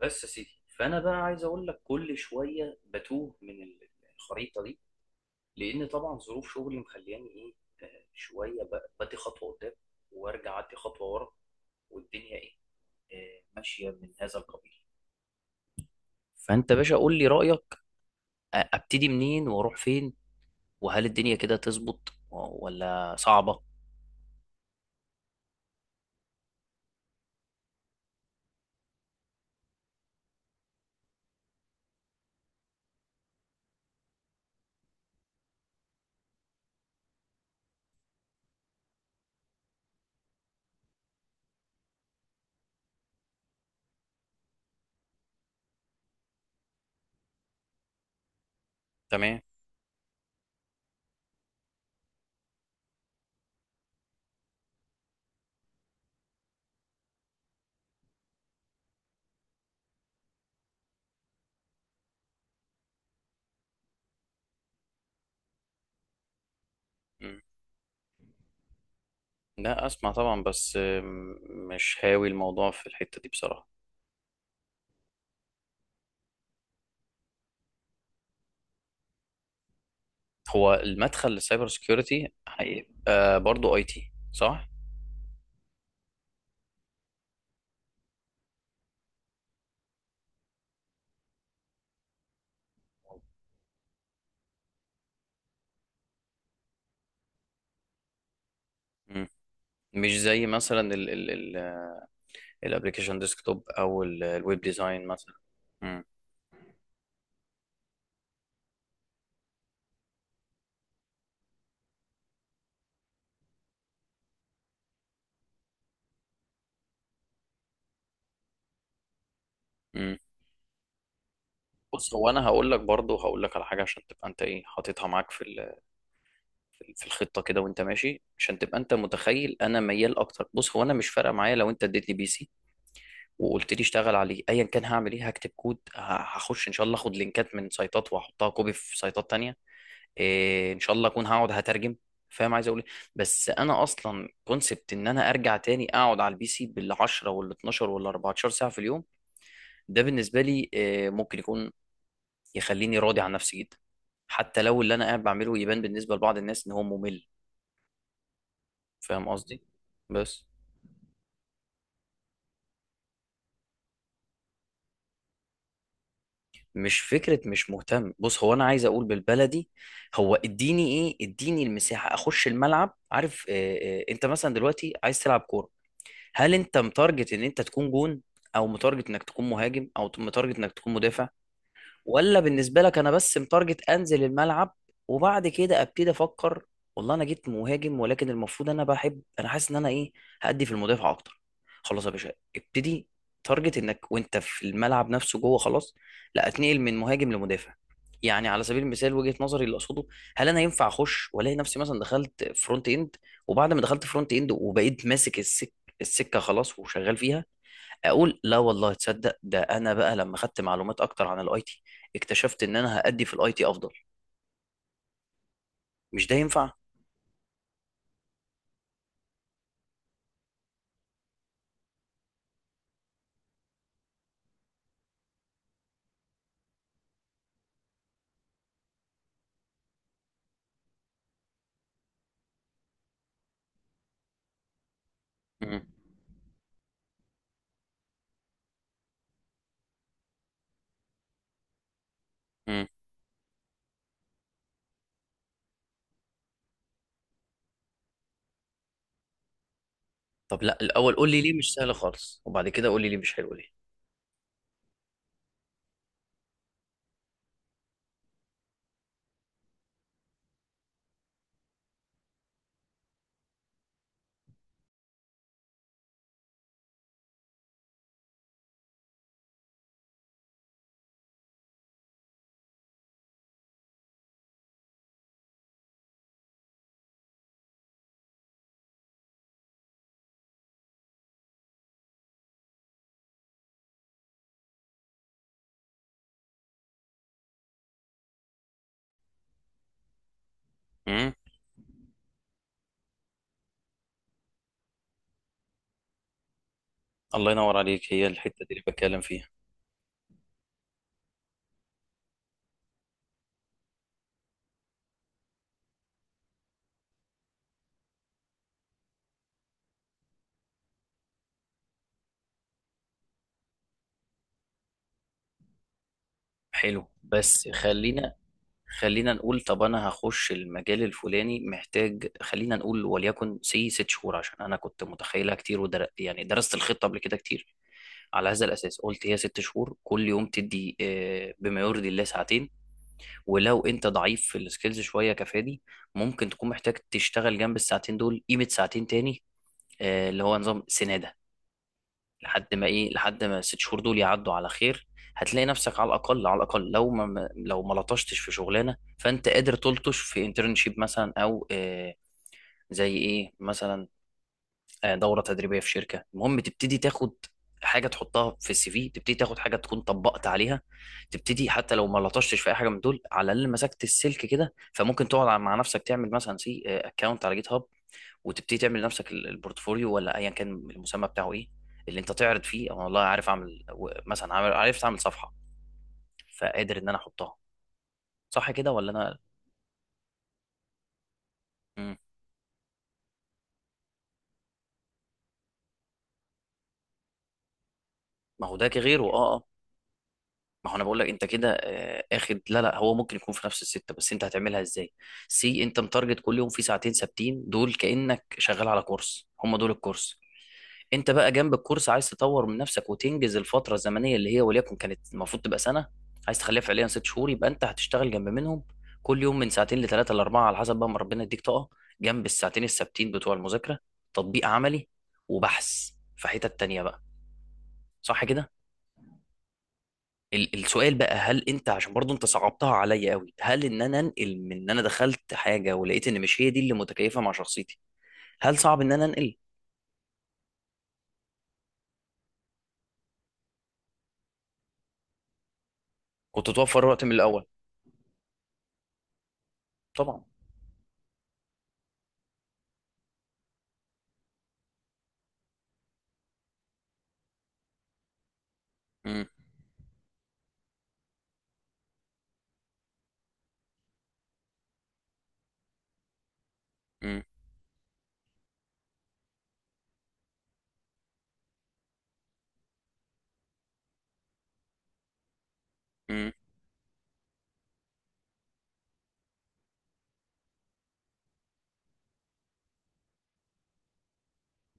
بس يا سيدي، فانا بقى عايز اقول لك كل شويه بتوه من الخريطه دي. لان طبعا ظروف شغلي مخلياني ايه، شويه بدي خطوه قدام، وارجع ادي خطوه ورا، والدنيا ايه، ماشيه من هذا القبيل. فانت باشا قول لي رايك، ابتدي منين واروح فين؟ وهل الدنيا كده تظبط ولا صعبه؟ تمام. مم. لا، اسمع طبعا، بس مش هاوي الموضوع في الحتة دي بصراحة. هو المدخل للسايبر سكيورتي هيبقى برضه اي تي صح؟ مم. مش زي مثلا الابلكيشن ديسكتوب او الويب ديزاين مثلا. مم. مم. بص هو انا هقول لك برضه هقول لك على حاجه عشان تبقى انت ايه حاططها معاك في الخطه كده، وانت ماشي عشان تبقى انت متخيل انا ميال اكتر. بص هو انا مش فارقه معايا، لو انت اديتني بي سي وقلت لي اشتغل عليه ايا كان، هعمل ايه، هكتب كود، هخش ان شاء الله اخد لينكات من سايتات واحطها كوبي في سايتات تانية. إيه ان شاء الله اكون هقعد هترجم. فاهم عايز اقول ايه؟ بس انا اصلا كونسبت ان انا ارجع تاني اقعد على البي سي بال 10 وال 12 وال 14 ساعه في اليوم، ده بالنسبه لي إيه، ممكن يكون يخليني راضي عن نفسي جدا. حتى لو اللي انا قاعد بعمله يبان بالنسبه لبعض الناس ان هو ممل. فاهم قصدي؟ بس مش فكره مش مهتم. بص هو انا عايز اقول بالبلدي، هو اديني المساحه اخش الملعب. عارف إيه انت مثلا دلوقتي عايز تلعب كوره، هل انت متارجت ان انت تكون جون؟ او متارجت انك تكون مهاجم او متارجت انك تكون مدافع؟ ولا بالنسبه لك انا بس متارجت انزل الملعب، وبعد كده ابتدي افكر؟ والله انا جيت مهاجم ولكن المفروض انا بحب، انا حاسس ان انا ايه، هأدي في المدافع اكتر. خلاص يا باشا ابتدي تارجت انك وانت في الملعب نفسه جوه خلاص، لا اتنقل من مهاجم لمدافع. يعني على سبيل المثال وجهة نظري اللي اقصده، هل انا ينفع اخش والاقي نفسي مثلا دخلت فرونت اند، وبعد ما دخلت فرونت اند وبقيت ماسك السكه خلاص وشغال فيها، اقول لا والله تصدق ده انا بقى لما خدت معلومات اكتر عن الاي تي اكتشفت ان انا هأدي في الاي تي افضل؟ مش ده ينفع؟ مم. مم. طب لا الاول قول لي ليه مش سهل خالص، وبعد كده قول لي ليه مش حلو ليه. مم. الله ينور عليك، هي الحتة دي اللي بتكلم فيها. حلو، بس خلينا نقول طب انا هخش المجال الفلاني، محتاج خلينا نقول وليكن سي ست شهور، عشان انا كنت متخيلها كتير يعني درست الخطه قبل كده كتير. على هذا الاساس قلت هي ست شهور، كل يوم تدي بما يرضي الله ساعتين. ولو انت ضعيف في السكيلز شويه كفادي، ممكن تكون محتاج تشتغل جنب الساعتين دول قيمه ساعتين تاني، اللي هو نظام سناده. لحد ما ايه، لحد ما الست شهور دول يعدوا على خير، هتلاقي نفسك على الاقل، على الاقل لو ما لطشتش في شغلانه فانت قادر تلطش في انترنشيب مثلا، او زي ايه مثلا، دوره تدريبيه في شركه، المهم تبتدي تاخد حاجه تحطها في السي في، تبتدي تاخد حاجه تكون طبقت عليها. تبتدي حتى لو ما لطشتش في اي حاجه من دول على الاقل مسكت السلك كده، فممكن تقعد مع نفسك تعمل مثلا سي اكونت على جيت هاب، وتبتدي تعمل لنفسك البورتفوليو ولا ايا كان المسمى بتاعه ايه، اللي انت تعرض فيه انا والله عارف اعمل مثلا عرفت اعمل صفحه، فقادر ان انا احطها. صح كده ولا انا؟ مم. ما هو ده غيره ما هو انا بقول لك انت كده، اخد، لا لا هو ممكن يكون في نفس السته، بس انت هتعملها ازاي. سي انت متارجت كل يوم في ساعتين ثابتين دول كانك شغال على كورس، هم دول الكورس. انت بقى جنب الكورس عايز تطور من نفسك وتنجز الفتره الزمنيه اللي هي وليكن كانت المفروض تبقى سنه، عايز تخليها فعليا ست شهور، يبقى انت هتشتغل جنب منهم كل يوم من ساعتين لثلاثه لاربعه على حسب بقى ما ربنا يديك طاقه، جنب الساعتين الثابتين بتوع المذاكره، تطبيق عملي وبحث في حتت تانيه بقى. صح كده؟ السؤال بقى، هل انت عشان برضو انت صعبتها عليا قوي، هل ان انا انقل من ان انا دخلت حاجه ولقيت ان مش هي دي اللي متكيفه مع شخصيتي، هل صعب ان انا انقل؟ كنت توفر وقت من الاول. طبعا. مم. مم. مم.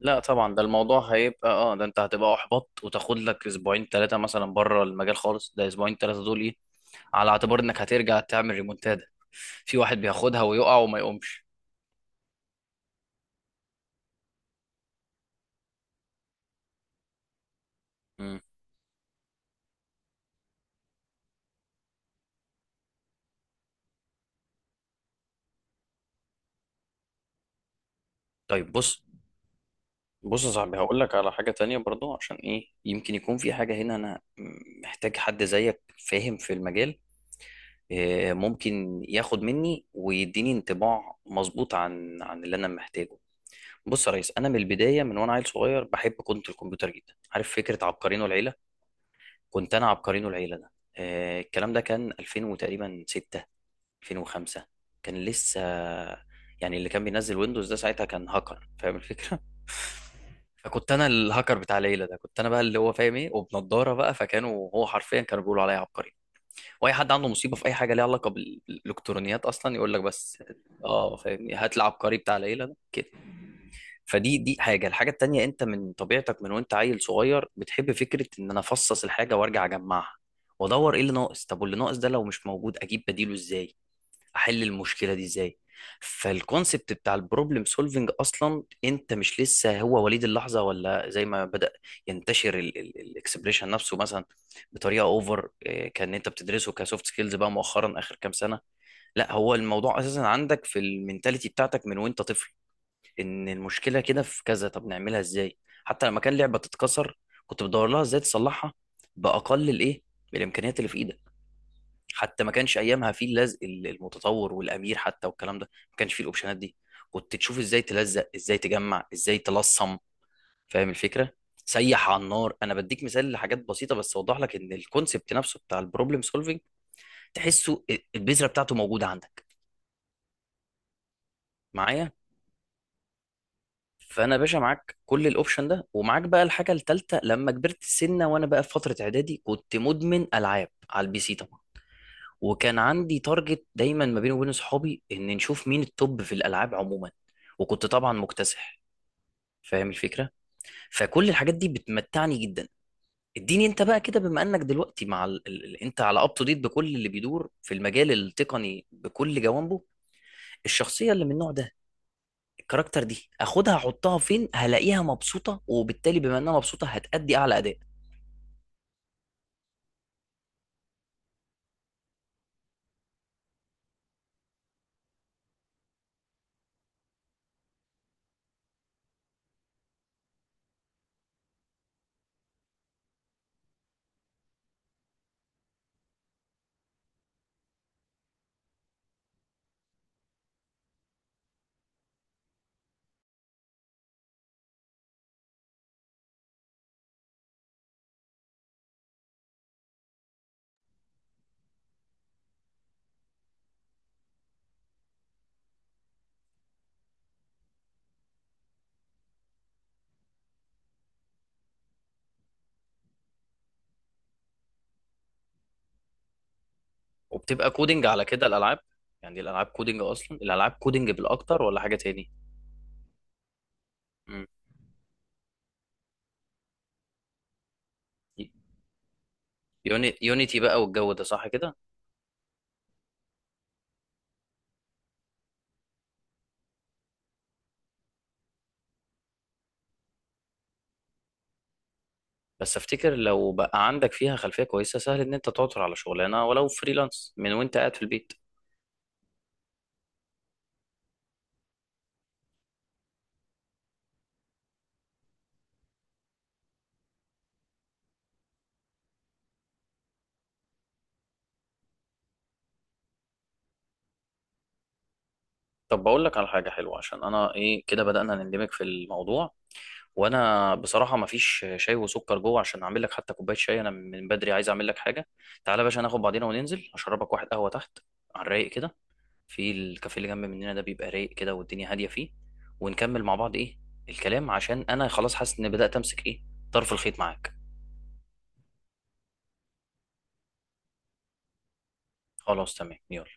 لا طبعا ده الموضوع هيبقى اه، ده انت هتبقى احبط وتاخد لك اسبوعين ثلاثه مثلا بره المجال خالص. ده اسبوعين ثلاثه دول ايه، على اعتبار انك هترجع تعمل ريمونتادا. في واحد بياخدها ويقع وما يقومش. مم. طيب بص، بص يا صاحبي هقول لك على حاجة تانية برضو عشان ايه، يمكن يكون في حاجة هنا انا محتاج حد زيك فاهم في المجال، ممكن ياخد مني ويديني انطباع مظبوط عن اللي انا محتاجه. بص يا ريس، انا من البداية من وانا عيل صغير بحب كنت الكمبيوتر جدا، عارف فكرة عبقرين والعيلة. كنت انا عبقرين والعيلة ده، الكلام ده كان 2000 وتقريبا 6، 2005. كان لسه يعني، اللي كان بينزل ويندوز ده ساعتها كان هاكر فاهم الفكرة. فكنت انا الهاكر بتاع ليلى ده، كنت انا بقى اللي هو فاهم ايه وبنضاره بقى، فكانوا هو حرفيا كانوا بيقولوا عليا عبقري. واي حد عنده مصيبه في اي حاجه ليها علاقه بالالكترونيات اصلا يقول لك، بس اه فاهمني هات العبقري بتاع ليلى ده كده. فدي دي حاجه. الحاجه التانيه، انت من طبيعتك من وانت عيل صغير بتحب فكره ان انا افصص الحاجه وارجع اجمعها، وادور ايه اللي ناقص، طب واللي ناقص ده لو مش موجود اجيب بديله ازاي، احل المشكله دي ازاي. فالكونسبت بتاع البروبلم سولفنج اصلا انت مش لسه هو وليد اللحظه، ولا زي ما بدا ينتشر الاكسبريشن نفسه مثلا بطريقه اوفر كان انت بتدرسه كسوفت سكيلز بقى مؤخرا اخر كام سنه. لا هو الموضوع اساسا عندك في المينتاليتي بتاعتك من وانت طفل، ان المشكله كده في كذا طب نعملها ازاي. حتى لما كان لعبه تتكسر، كنت بدور لها ازاي تصلحها باقل الايه، بالامكانيات اللي في ايدك. حتى ما كانش ايامها فيه اللزق المتطور والامير حتى والكلام ده، ما كانش فيه الاوبشنات دي. كنت تشوف ازاي تلزق، ازاي تجمع، ازاي تلصم، فاهم الفكره. سيح على النار. انا بديك مثال لحاجات بسيطه بس اوضح لك ان الكونسبت نفسه بتاع البروبلم سولفنج تحسه البذره بتاعته موجوده عندك معايا. فانا يا باشا معاك كل الاوبشن ده، ومعاك بقى الحاجه الثالثه، لما كبرت سنه وانا بقى في فتره اعدادي كنت مدمن العاب على البي سي طبعا، وكان عندي تارجت دايما ما بيني وبين صحابي ان نشوف مين التوب في الالعاب عموما، وكنت طبعا مكتسح فاهم الفكره. فكل الحاجات دي بتمتعني جدا. اديني انت بقى كده بما انك دلوقتي مع انت على اب تو ديت بكل اللي بيدور في المجال التقني بكل جوانبه، الشخصيه اللي من النوع ده، الكاركتر دي اخدها احطها فين هلاقيها مبسوطه، وبالتالي بما انها مبسوطه هتأدي اعلى اداء. وبتبقى كودنج على كده الالعاب؟ يعني الالعاب كودنج اصلا، الالعاب كودنج بالاكتر ولا حاجه تاني. مم. يونيتي بقى والجو ده صح كده. بس افتكر لو بقى عندك فيها خلفيه كويسه سهل ان انت تعثر على شغلانه، ولو فريلانس من وانت قاعد في البيت. طب بقول لك على حاجه حلوه عشان انا ايه كده بدانا نندمج في الموضوع، وانا بصراحه ما فيش شاي وسكر جوه عشان اعمل لك حتى كوبايه شاي، انا من بدري عايز اعمل لك حاجه. تعالى يا باشا ناخد بعضينا وننزل اشربك واحد قهوه تحت على الرايق كده، في الكافيه اللي جنب مننا ده بيبقى رايق كده والدنيا هاديه فيه، ونكمل مع بعض ايه الكلام، عشان انا خلاص حاسس ان بدات امسك ايه طرف الخيط معاك. خلاص تمام يلا.